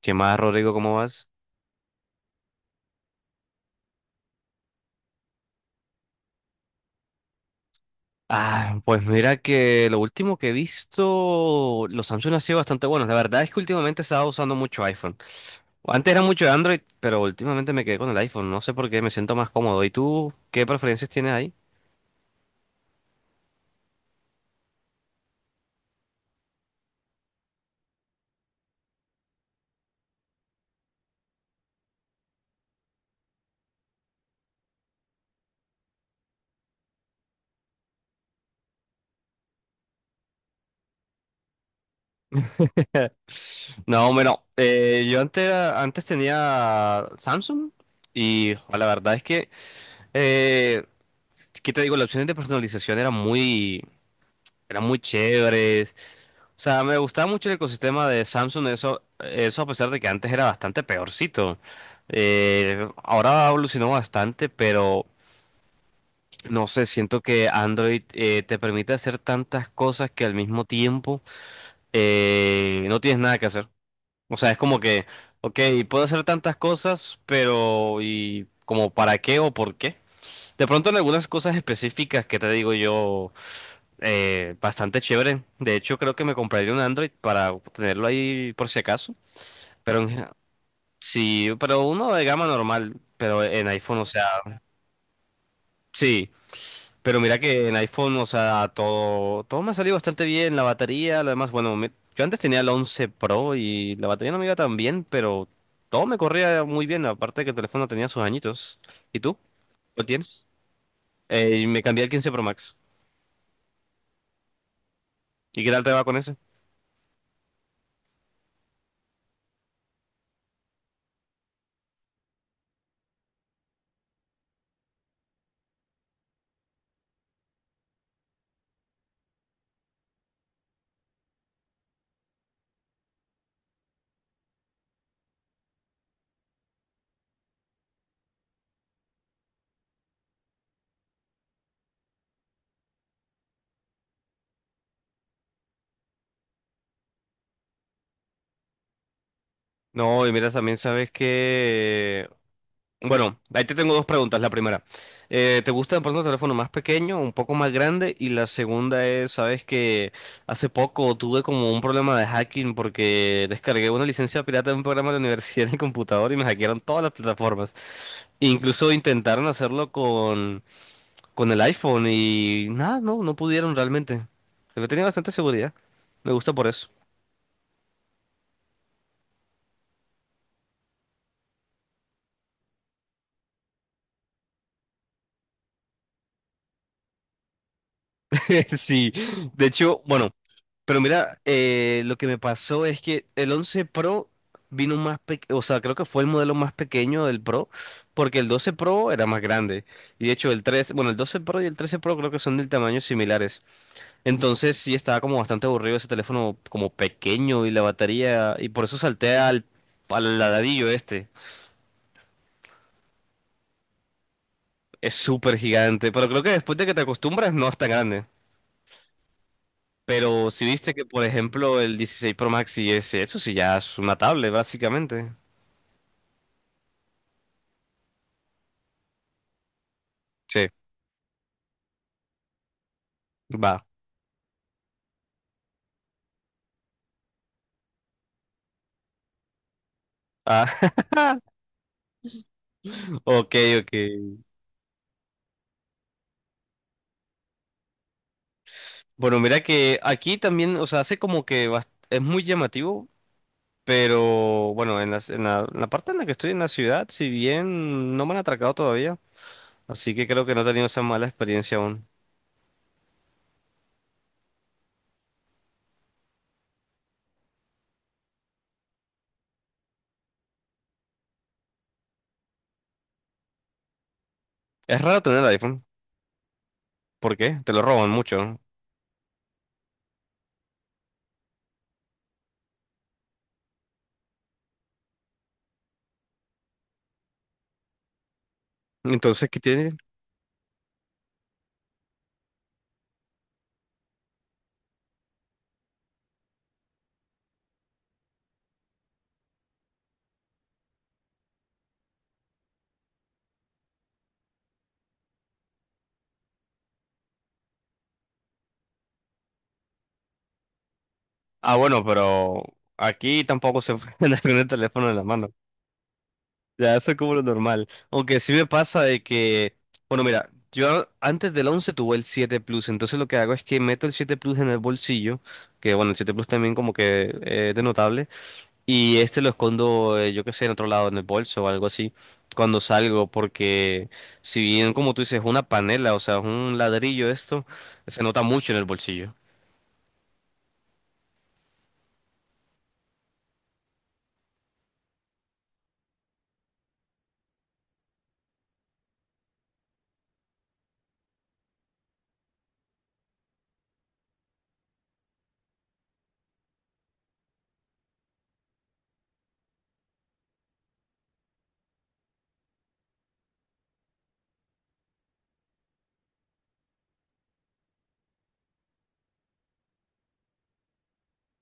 ¿Qué más, Rodrigo? ¿Cómo vas? Ah, pues mira que lo último que he visto, los Samsung han sido bastante buenos. La verdad es que últimamente he estado usando mucho iPhone. Antes era mucho de Android, pero últimamente me quedé con el iPhone. No sé por qué, me siento más cómodo. ¿Y tú qué preferencias tienes ahí? No, bueno, yo antes, antes tenía Samsung y jo, la verdad es que, eh, ¿qué te digo? Las opciones de personalización eran muy chéveres. O sea, me gustaba mucho el ecosistema de Samsung, eso a pesar de que antes era bastante peorcito. Ahora evolucionó bastante, pero no sé, siento que Android te permite hacer tantas cosas que, al mismo tiempo, no tienes nada que hacer. O sea, es como que, ok, puedo hacer tantas cosas, pero ¿y como para qué o por qué? De pronto en algunas cosas específicas que te digo yo, bastante chévere. De hecho, creo que me compraría un Android para tenerlo ahí por si acaso. Pero en- sí, pero uno de gama normal, pero en iPhone, o sea, sí. Pero mira que en iPhone, o sea, todo me ha salido bastante bien. La batería, lo demás, bueno, yo antes tenía el 11 Pro y la batería no me iba tan bien, pero todo me corría muy bien. Aparte que el teléfono tenía sus añitos. ¿Y tú? ¿Lo tienes? Y me cambié al 15 Pro Max. ¿Y qué tal te va con ese? No, y mira, también sabes que, bueno, ahí te tengo dos preguntas. La primera, ¿te gusta de pronto un teléfono más pequeño, un poco más grande? Y la segunda es, sabes que hace poco tuve como un problema de hacking porque descargué una licencia pirata de un programa de la universidad en el computador y me hackearon todas las plataformas. Incluso intentaron hacerlo con el iPhone y nada, no, no pudieron realmente. Pero tenía bastante seguridad. Me gusta por eso. Sí, de hecho, bueno. Pero mira, lo que me pasó es que el 11 Pro vino más pequeño, o sea, creo que fue el modelo más pequeño del Pro, porque el 12 Pro era más grande. Y de hecho el 13, bueno, el 12 Pro y el 13 Pro creo que son del tamaño similares. Entonces sí estaba como bastante aburrido ese teléfono, como pequeño, y la batería, y por eso salté al ladrillo este. Es súper gigante, pero creo que después de que te acostumbras no es tan grande. Pero si viste que, por ejemplo, el 16 Pro Max y ese, eso sí ya es una tablet, básicamente. Sí. Va. Ah, ok, ok. Bueno, mira que aquí también, o sea, hace como que es muy llamativo, pero bueno, en la parte en la que estoy en la ciudad, si bien no me han atracado todavía, así que creo que no he tenido esa mala experiencia aún. Es raro tener el iPhone. ¿Por qué? Te lo roban mucho, ¿no? Entonces, ¿qué tiene? Ah, bueno, pero aquí tampoco se puede andar con el teléfono en la mano. Ya, eso es como lo normal. Aunque sí me pasa de que, bueno, mira, yo antes del 11 tuve el 7 Plus, entonces lo que hago es que meto el 7 Plus en el bolsillo, que, bueno, el 7 Plus también como que, es de notable, y este lo escondo, yo qué sé, en otro lado, en el bolso o algo así, cuando salgo, porque, si bien como tú dices, es una panela, o sea, es un ladrillo esto, se nota mucho en el bolsillo.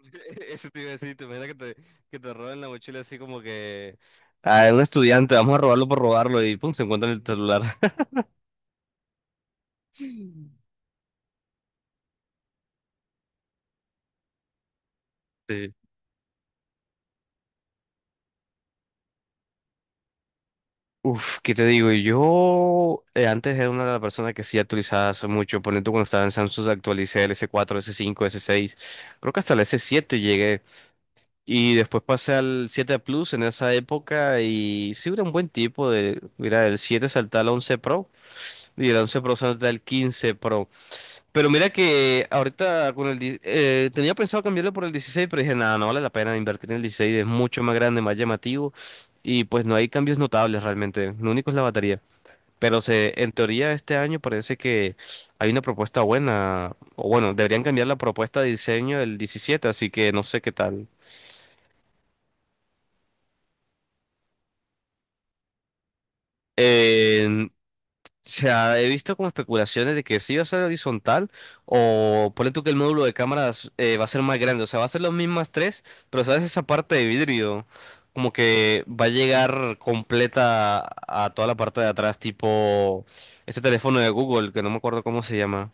Eso te iba a decir, te imaginas que te, roben la mochila así, como que a un estudiante, vamos a robarlo por robarlo y pum, se encuentra en el celular. Sí. Uf, ¿qué te digo? Yo, antes era una de las personas que sí actualizaba hace mucho. Por ejemplo, cuando estaba en Samsung actualicé el S4, S5, S6, creo que hasta el S7 llegué, y después pasé al 7 Plus en esa época, y sí era un buen tipo de, mira, el 7, salté al 11 Pro, y el 11 Pro salté al 15 Pro. Pero mira que ahorita con el tenía pensado cambiarlo por el 16, pero dije, nada, no vale la pena invertir en el 16, es mucho más grande, más llamativo, y pues no hay cambios notables realmente, lo único es la batería. Pero en teoría este año parece que hay una propuesta buena, o, bueno, deberían cambiar la propuesta de diseño del 17, así que no sé qué tal. Eh, O sea, he visto como especulaciones de que sí va a ser horizontal, o ponle tú que el módulo de cámaras va a ser más grande. O sea, va a ser las mismas tres, pero sabes esa parte de vidrio como que va a llegar completa a toda la parte de atrás, tipo este teléfono de Google, que no me acuerdo cómo se llama,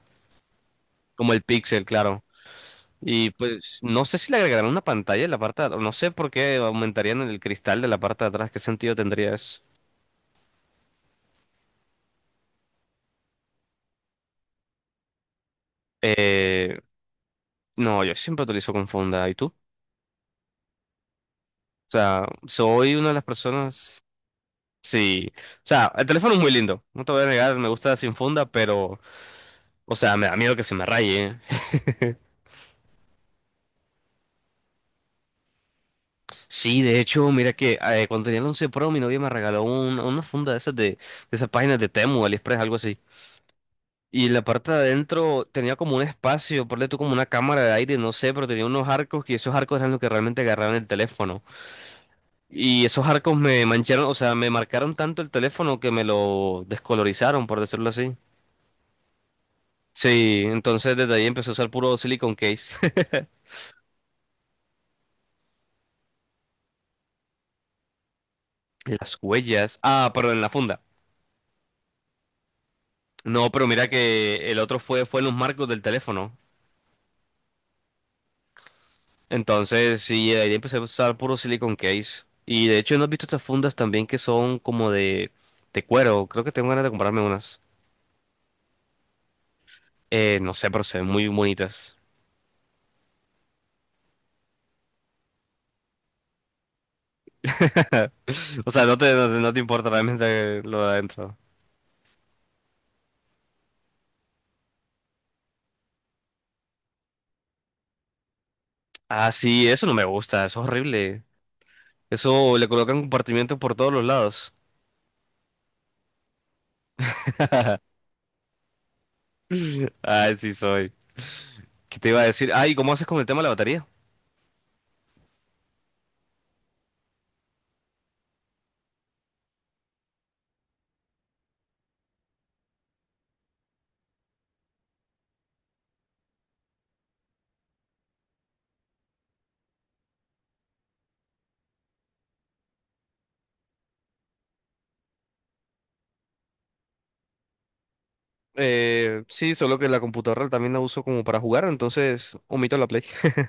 como el Pixel, claro. Y pues no sé si le agregarán una pantalla en la parte de atrás, no sé por qué aumentarían el cristal de la parte de atrás, qué sentido tendría eso. Eh, no, yo siempre utilizo con funda, ¿y tú? O sea, soy una de las personas. Sí. O sea, el teléfono es muy lindo. No te voy a negar, me gusta sin funda, pero. O sea, me da miedo que se me raye. Sí, de hecho, mira que, cuando tenía el 11 Pro, mi novia me regaló una funda de esas páginas de Temu, AliExpress, algo así. Y la parte de adentro tenía como un espacio, ponle tú como una cámara de aire, no sé, pero tenía unos arcos, que esos arcos eran los que realmente agarraban el teléfono. Y esos arcos me mancharon, o sea, me marcaron tanto el teléfono que me lo descolorizaron, por decirlo así. Sí, entonces desde ahí empecé a usar puro silicon case. Las huellas. Ah, perdón, en la funda. No, pero mira que el otro fue en los marcos del teléfono. Entonces, sí, de ahí empecé a usar puro silicon case. Y de hecho, ¿no has visto estas fundas también que son como de, cuero? Creo que tengo ganas de comprarme unas. No sé, pero se ven muy bonitas. O sea, no te importa realmente lo de adentro. Ah, sí, eso no me gusta, eso es horrible. Eso le colocan compartimientos por todos los lados. Ah, sí soy. ¿Qué te iba a decir? Ay, ¿cómo haces con el tema de la batería? Sí, solo que la computadora también la uso como para jugar, entonces omito la Play.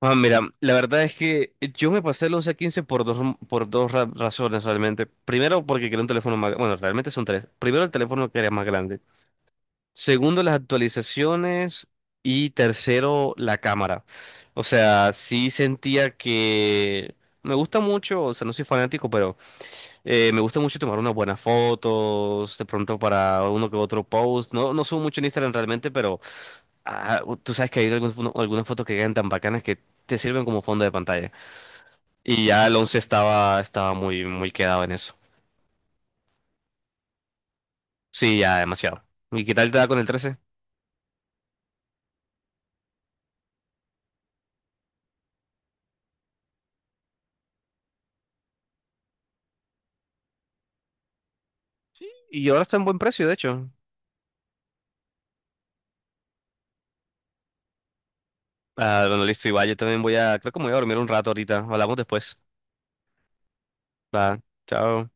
Ah, mira, la verdad es que yo me pasé el 11 a 15 por dos razones realmente. Primero, porque quería un teléfono más. Bueno, realmente son tres. Primero, el teléfono, que era más grande. Segundo, las actualizaciones. Y tercero, la cámara. O sea, sí sentía que. Me gusta mucho, o sea, no soy fanático. Me gusta mucho tomar unas buenas fotos, de pronto para uno que otro post. No, no subo mucho en Instagram realmente, pero, ah, tú sabes que hay algunas fotos que quedan tan bacanas que te sirven como fondo de pantalla. Y ya el 11 estaba muy, muy quedado en eso. Sí, ya demasiado. ¿Y qué tal te da con el trece? Y ahora está en buen precio, de hecho. Ah, bueno, listo, Iván, yo también, creo que me voy a dormir un rato ahorita. Hablamos después. Va, chao.